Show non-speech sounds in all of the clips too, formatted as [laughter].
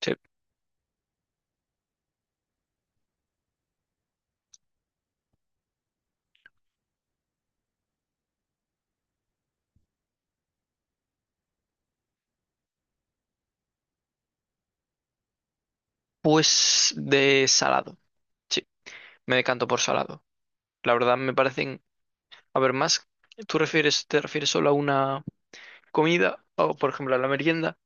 Sí. Pues de salado. Sí, me decanto por salado. La verdad me parecen, a ver, más, te refieres solo a una comida o, por ejemplo, a la merienda,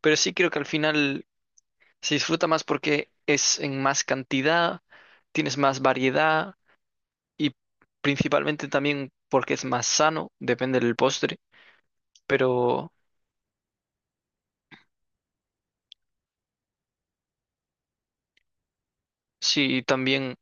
pero sí creo que al final se disfruta más porque es en más cantidad, tienes más variedad y principalmente también porque es más sano, depende del postre, pero sí, también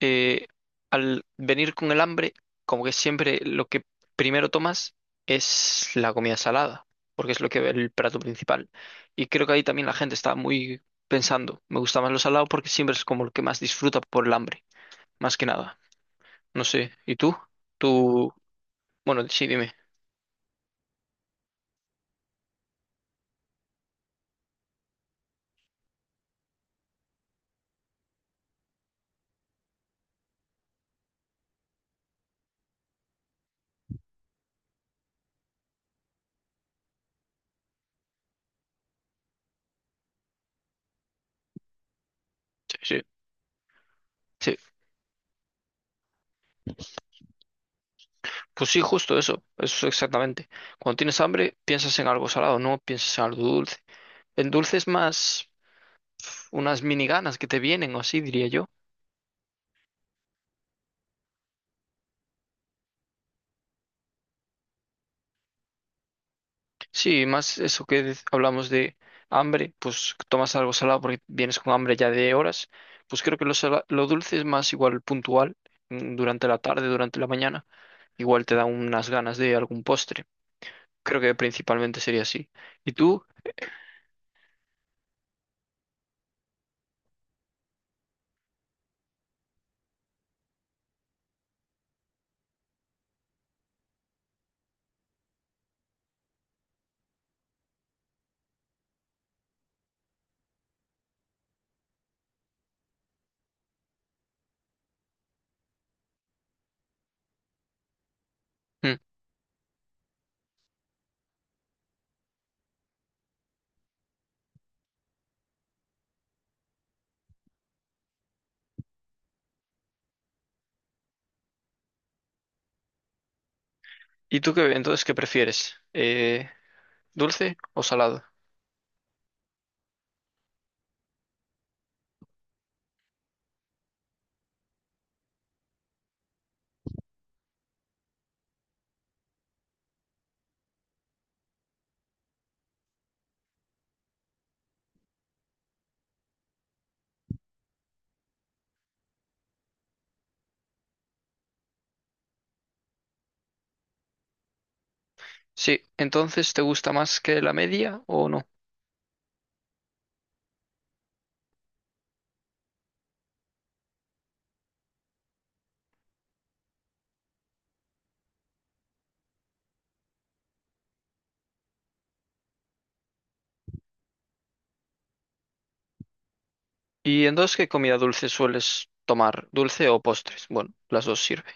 eh, al venir con el hambre, como que siempre lo que primero tomas es la comida salada, porque es lo que el plato principal. Y creo que ahí también la gente está muy pensando, me gusta más lo salado porque siempre es como lo que más disfruta por el hambre, más que nada. No sé, ¿y tú? Tú, bueno, sí, dime. Sí, sí. Sí. Pues sí, justo eso, eso exactamente. Cuando tienes hambre, piensas en algo salado, no piensas en algo dulce. El dulce es más unas mini ganas que te vienen, o así diría yo. Sí, más eso que hablamos de hambre, pues tomas algo salado porque vienes con hambre ya de horas, pues creo que lo dulce es más igual puntual, mm, durante la tarde, durante la mañana, igual te da unas ganas de algún postre. Creo que principalmente sería así. ¿Y tú? Mm. ¿Y tú qué, entonces qué prefieres? ¿Dulce o salado? Sí, entonces ¿te gusta más que la media o no? ¿Y entonces qué comida dulce sueles tomar? ¿Dulce o postres? Bueno, las dos sirve.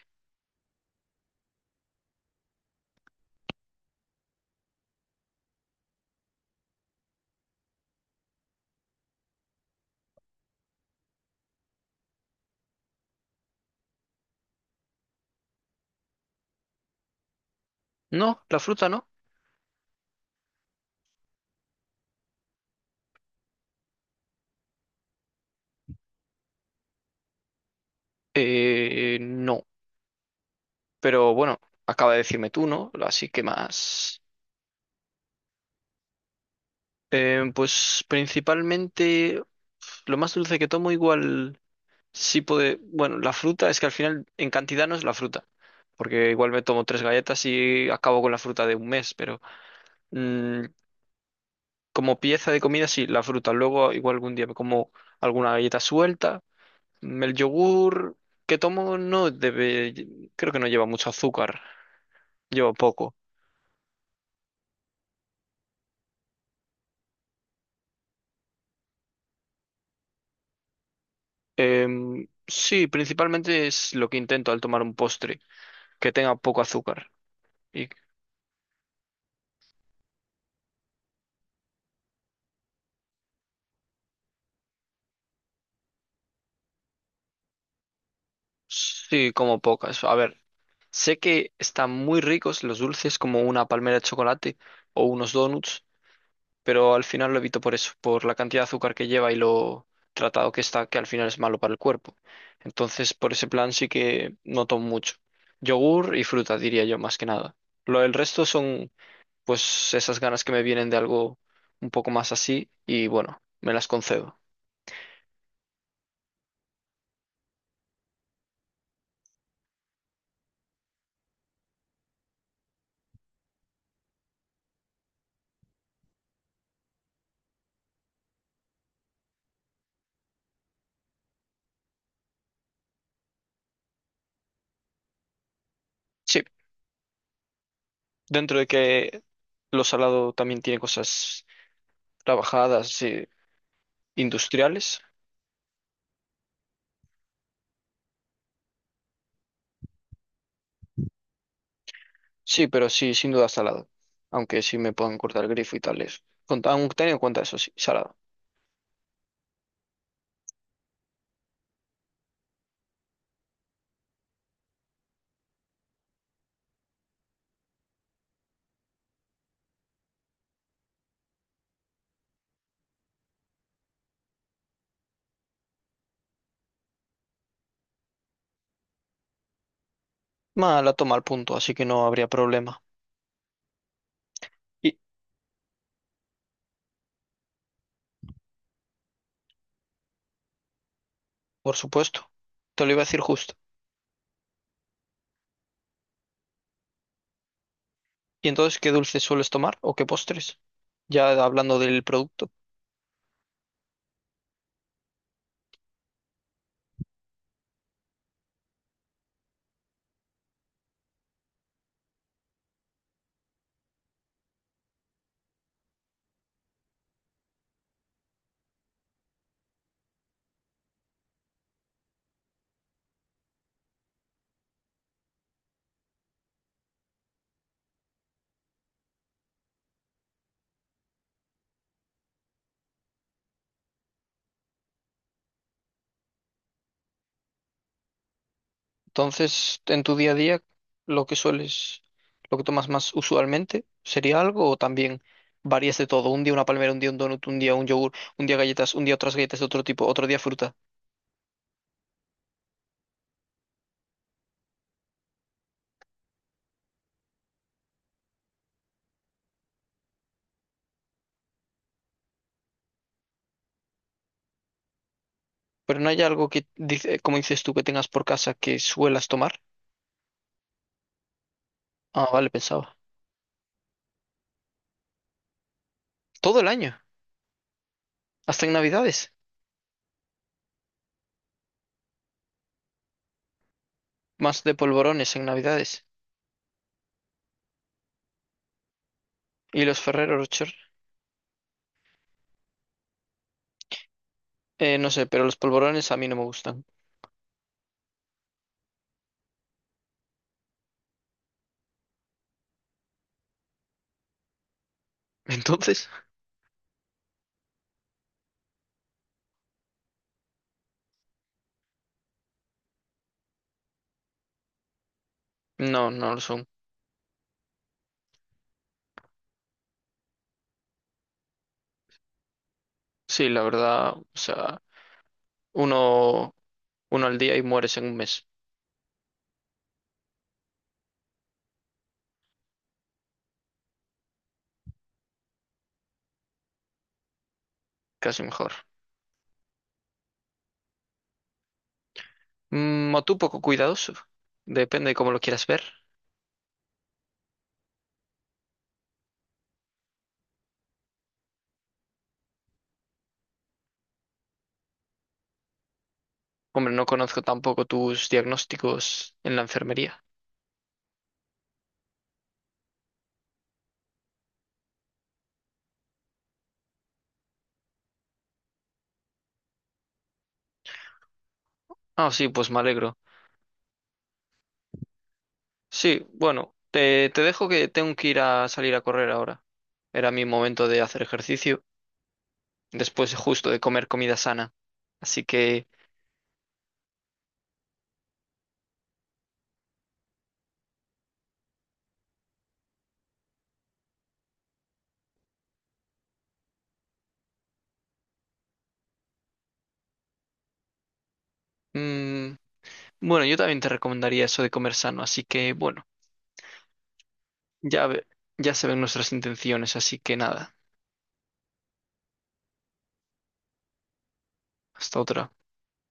No, la fruta no. No, pero bueno, acaba de decirme tú, ¿no? Así que más. Pues principalmente lo más dulce que tomo igual sí puede... Bueno, la fruta es que al final en cantidad no es la fruta, porque igual me tomo tres galletas y acabo con la fruta de un mes, pero mm, como pieza de comida sí, la fruta. Luego igual algún día me como alguna galleta suelta. Mm, el yogur que tomo no debe... Creo que no lleva mucho azúcar, lleva poco. Sí, principalmente es lo que intento al tomar un postre, que tenga poco azúcar. Y sí, como pocas. A ver, sé que están muy ricos los dulces como una palmera de chocolate o unos donuts, pero al final lo evito por eso, por la cantidad de azúcar que lleva y lo tratado que está, que al final es malo para el cuerpo. Entonces, por ese plan sí que no tomo mucho. Yogur y fruta, diría yo, más que nada. Lo del resto son pues esas ganas que me vienen de algo un poco más así y bueno, me las concedo. Sí, dentro de que lo salado también tiene cosas trabajadas, sí, industriales, sí, pero sí, sin duda salado. Aunque sí me puedan cortar el grifo y tales. Con- aunque teniendo en cuenta eso, sí, salado. Ma, la toma al punto, así que no habría problema. Y, por supuesto, te lo iba a decir justo. ¿Y entonces qué dulces sueles tomar o qué postres? Ya hablando del producto. Entonces, en tu día a día, lo que sueles, lo que tomas más usualmente, ¿sería algo o también varías de todo? Un día una palmera, un día un donut, un día un yogur, un día galletas, un día otras galletas de otro tipo, otro día fruta. Pero no hay algo que, dice, como dices tú, que tengas por casa que suelas tomar. Ah, vale, pensaba. Todo el año, hasta en Navidades. Más de polvorones en Navidades. ¿Y los Ferrero Rocher? No sé, pero los polvorones a mí no me gustan. [laughs] Entonces, no, no lo son. Sí, la verdad, o sea, uno. Uno al día y mueres en un mes, casi mejor. Mm, o tú poco cuidadoso, depende de cómo lo quieras ver. Hombre, no conozco tampoco tus diagnósticos en la enfermería. Ah, sí, pues me alegro. Sí, bueno, te dejo que tengo que ir a salir a correr ahora. Era mi momento de hacer ejercicio, después justo de comer comida sana. Así que, mm, bueno, yo también te recomendaría eso de comer sano, así que, bueno, ya, ve- ya se ven nuestras intenciones, así que nada, hasta otra.